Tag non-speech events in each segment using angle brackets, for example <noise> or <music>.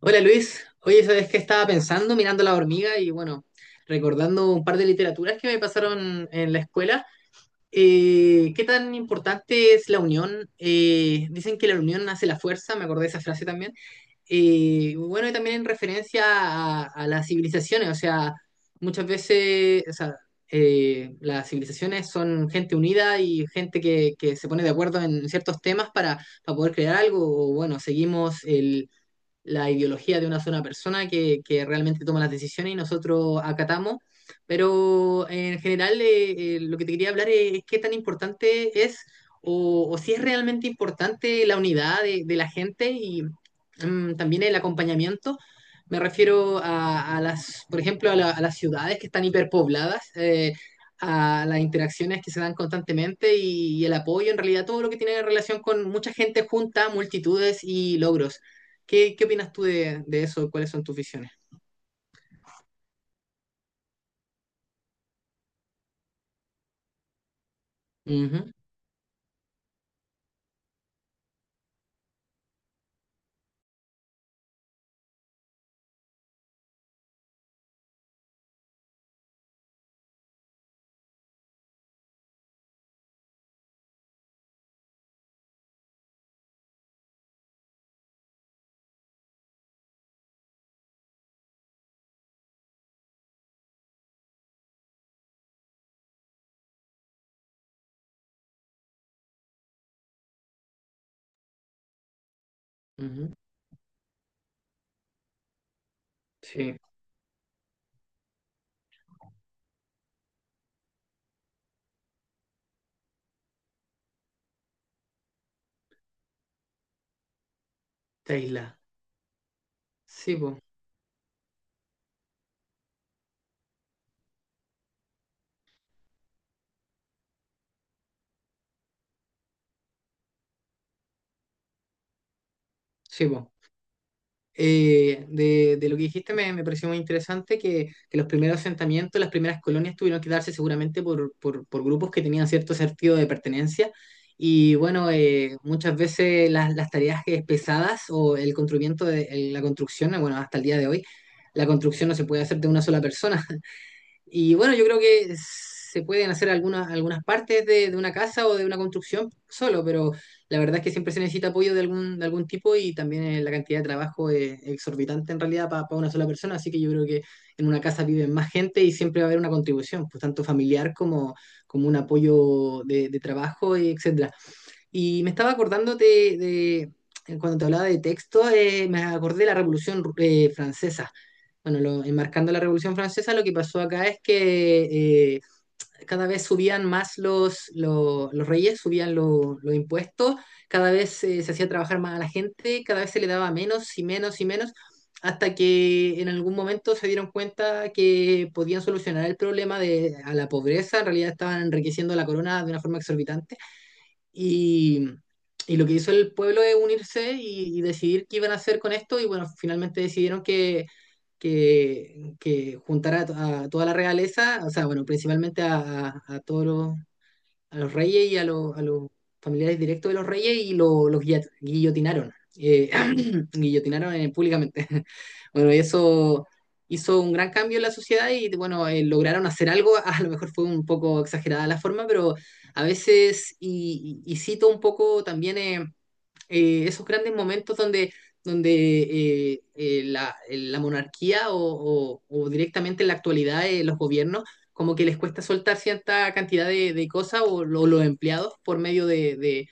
Hola Luis, oye, ¿sabes qué estaba pensando mirando la hormiga y bueno, recordando un par de literaturas que me pasaron en la escuela? ¿qué tan importante es la unión? Dicen que la unión hace la fuerza, me acordé de esa frase también. Bueno, y también en referencia a las civilizaciones, o sea, muchas veces, o sea, las civilizaciones son gente unida y gente que se pone de acuerdo en ciertos temas para poder crear algo, o bueno, seguimos el la ideología de una sola persona que realmente toma las decisiones y nosotros acatamos. Pero en general, lo que te quería hablar es qué tan importante es o si es realmente importante la unidad de la gente y también el acompañamiento. Me refiero a las, por ejemplo, a las ciudades que están hiperpobladas, a las interacciones que se dan constantemente y el apoyo, en realidad todo lo que tiene relación con mucha gente junta, multitudes y logros. ¿Qué opinas tú de eso? ¿Cuáles son tus visiones? Ujú, ujú. Sí, esta isla. Sí, po. Sí, po. De lo que dijiste me pareció muy interesante que los primeros asentamientos, las primeras colonias tuvieron que darse seguramente por grupos que tenían cierto sentido de pertenencia. Y bueno, muchas veces las tareas pesadas o el construimiento de el- la construcción, bueno, hasta el día de hoy, la construcción no se puede hacer de una sola persona. Y bueno, yo creo que se pueden hacer algunas partes de una casa o de una construcción solo, pero la verdad es que siempre se necesita apoyo de algún tipo y también la cantidad de trabajo es exorbitante en realidad para una sola persona, así que yo creo que en una casa viven más gente y siempre va a haber una contribución, pues tanto familiar como, como un apoyo de trabajo, etcétera. Y me estaba acordando de cuando te hablaba de texto, me acordé de la Revolución Francesa. Bueno, enmarcando la Revolución Francesa, lo que pasó acá es que cada vez subían más los reyes, subían los impuestos, cada vez se hacía trabajar más a la gente, cada vez se le daba menos y menos y menos, hasta que en algún momento se dieron cuenta que podían solucionar el problema de a la pobreza, en realidad estaban enriqueciendo a la corona de una forma exorbitante y, y lo que hizo el pueblo es unirse y decidir qué iban a hacer con esto. Y bueno, finalmente decidieron que juntar a toda la realeza, o sea, bueno, principalmente a todos los, a los reyes y a los familiares directos de los reyes y los guillotinaron. eh, <clears throat> guillotinaron públicamente. <laughs> Bueno, y eso hizo un gran cambio en la sociedad y bueno, lograron hacer algo. <laughs> A lo mejor fue un poco exagerada la forma, pero a veces, y cito un poco también, esos grandes momentos donde, donde la monarquía o o directamente en la actualidad los gobiernos como que les cuesta soltar cierta cantidad de cosas o los empleados por medio de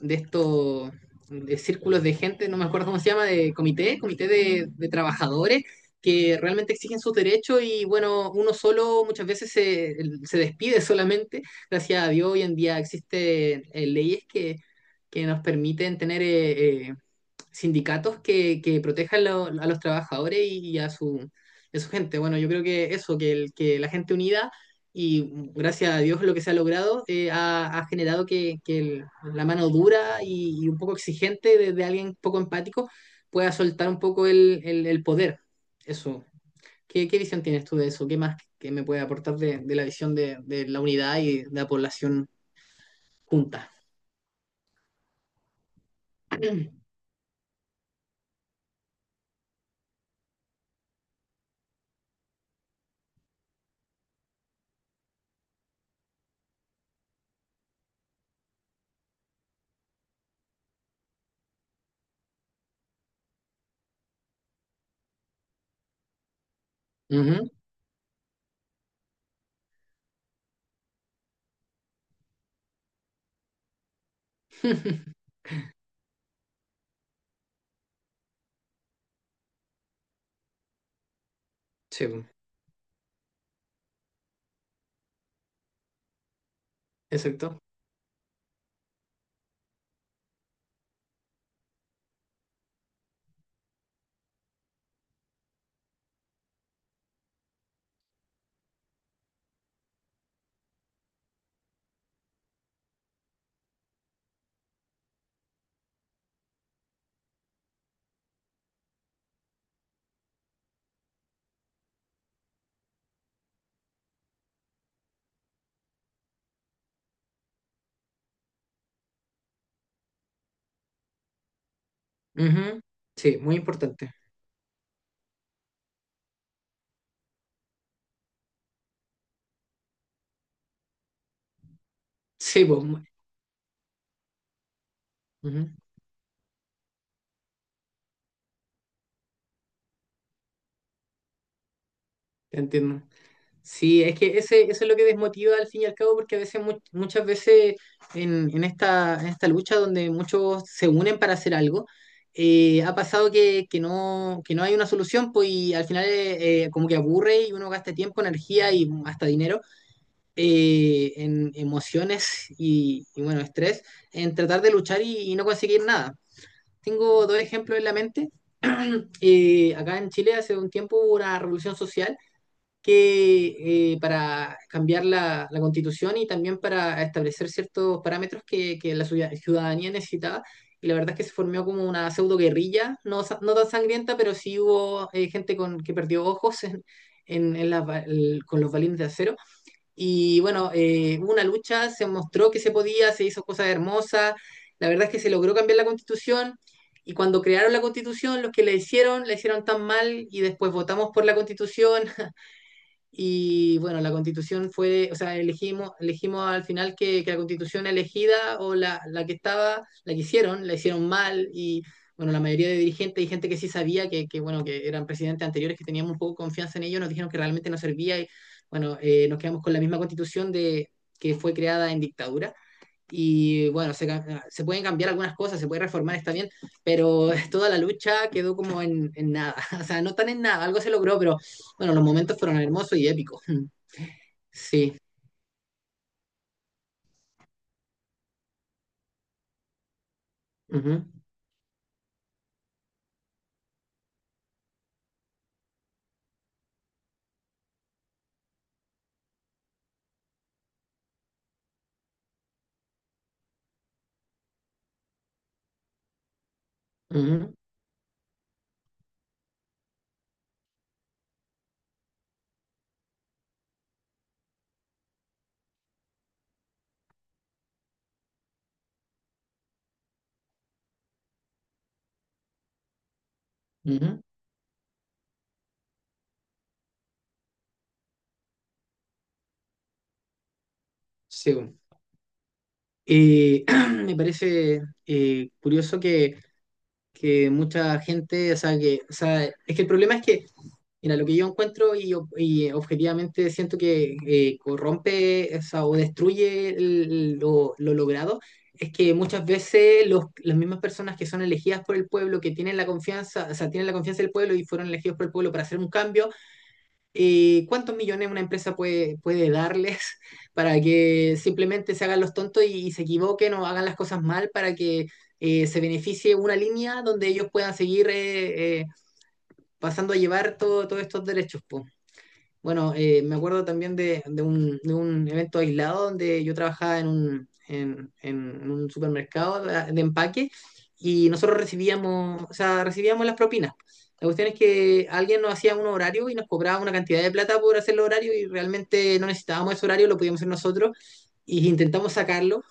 de estos de círculos de gente, no me acuerdo cómo se llama, de comité, comité de trabajadores que realmente exigen sus derechos y bueno, uno solo muchas veces se, se despide solamente. Gracias a Dios hoy en día existen leyes nos permiten tener sindicatos que protejan a los trabajadores y a su gente. Bueno, yo creo que eso, que la gente unida y gracias a Dios lo que se ha logrado ha generado que la mano dura y un poco exigente de alguien poco empático pueda soltar un poco el poder. Eso. ¿Qué visión tienes tú de eso? ¿Qué más que me puede aportar de la visión de la unidad y de la población junta? <clears throat> Ujú. <laughs> Sí, exacto. Ujú, sí, muy importante. Sí, pues, mu- ujú, te entiendo. Sí, es que ese, eso es lo que desmotiva al fin y al cabo, porque a veces, muchas veces en esta lucha donde muchos se unen para hacer algo, ha pasado que no hay una solución, pues y al final como que aburre y uno gasta tiempo, energía y hasta dinero en emociones bueno, estrés en tratar de luchar y no conseguir nada. Tengo dos ejemplos en la mente. Acá en Chile hace un tiempo hubo una revolución social que para cambiar la, la constitución y también para establecer ciertos parámetros que la ciudadanía necesitaba. Y la verdad es que se formó como una pseudo guerrilla, no, no tan sangrienta, pero sí hubo gente con, que perdió ojos en las con los balines de acero. Y bueno, hubo una lucha, se mostró que se podía, se hizo cosas hermosas. La verdad es que se logró cambiar la constitución. Y cuando crearon la constitución, los que la hicieron tan mal y después votamos por la constitución y bueno, la constitución fue, o sea, elegimos, elegimos al final que la constitución elegida o la que estaba, la que hicieron, la hicieron mal y bueno, la mayoría de dirigentes y gente que sí sabía que bueno, que eran presidentes anteriores, que teníamos un poco de confianza en ellos, nos dijeron que realmente no servía y bueno, nos quedamos con la misma constitución de, que fue creada en dictadura. Y bueno, se pueden cambiar algunas cosas, se puede reformar, está bien, pero <laughs> toda la lucha quedó como en nada. <laughs> O sea, no tan en nada, algo se logró, pero bueno, los momentos fueron hermosos y épicos. <laughs> Sí. Ujú, ujú, ujú. Sí. Bueno. Y <clears throat> me parece curioso que mucha gente, o sea, que, o sea, es que el problema es que mira, lo que yo encuentro y objetivamente siento que corrompe o, sea, o destruye lo logrado es que muchas veces los, las mismas personas que son elegidas por el pueblo, que tienen la confianza, o sea, tienen la confianza del pueblo y fueron elegidos por el pueblo para hacer un cambio, ¿cuántos millones una empresa puede darles <laughs> para que simplemente se hagan los tontos y se equivoquen o hagan las cosas mal para que se beneficie una línea donde ellos puedan seguir pasando a llevar todos estos derechos, po? Bueno, me acuerdo también de un evento aislado donde yo trabajaba en un supermercado de empaque y nosotros recibíamos, o sea, recibíamos las propinas. La cuestión es que alguien nos hacía un horario y nos cobraba una cantidad de plata por hacer el horario y realmente no necesitábamos ese horario, lo podíamos hacer nosotros y intentamos sacarlo.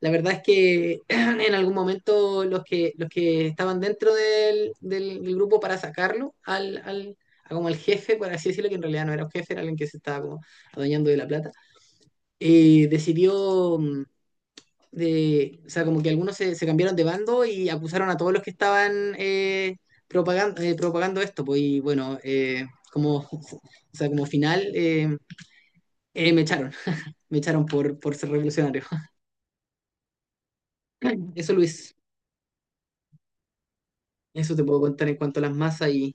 La verdad es que <clears throat> en algún momento los que estaban dentro del grupo para sacarlo a como el jefe, por así decirlo, que en realidad no era un jefe, era alguien que se estaba como adueñando de la plata, decidió de, o sea, como que algunos se, se cambiaron de bando y acusaron a todos los que estaban propagando esto, pues, y bueno, como, <laughs> o sea, como final eh, me echaron, me echaron por ser revolucionario. <laughs> Eso, Luis, eso te puedo contar en cuanto a las masas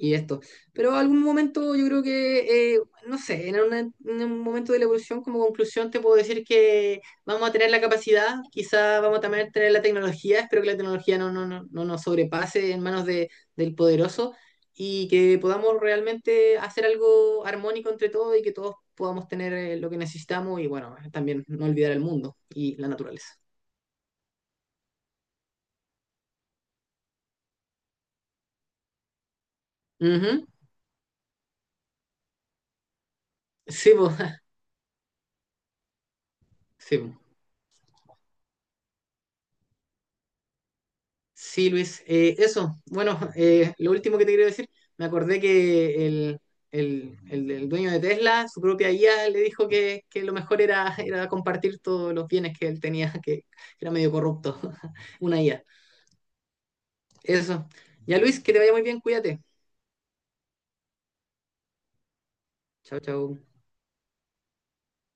y esto. Pero algún momento yo creo que, no sé, en un momento de la evolución como conclusión te puedo decir que vamos a tener la capacidad, quizá vamos a también tener la tecnología, espero que la tecnología no nos sobrepase en manos de, del poderoso y que podamos realmente hacer algo armónico entre todos y que todos podamos tener lo que necesitamos y bueno, también no olvidar el mundo y la naturaleza. Ujú. Sí, pues. <laughs> Sí, po. Sí, Luis, eso. Bueno, lo último que te quería decir, me acordé que el dueño de Tesla, su propia IA, le dijo que lo mejor era, era compartir todos los bienes que él tenía, <laughs> que era medio corrupto, <laughs> una IA. Eso. Ya, Luis, que te vaya muy bien, cuídate. Chao, chao.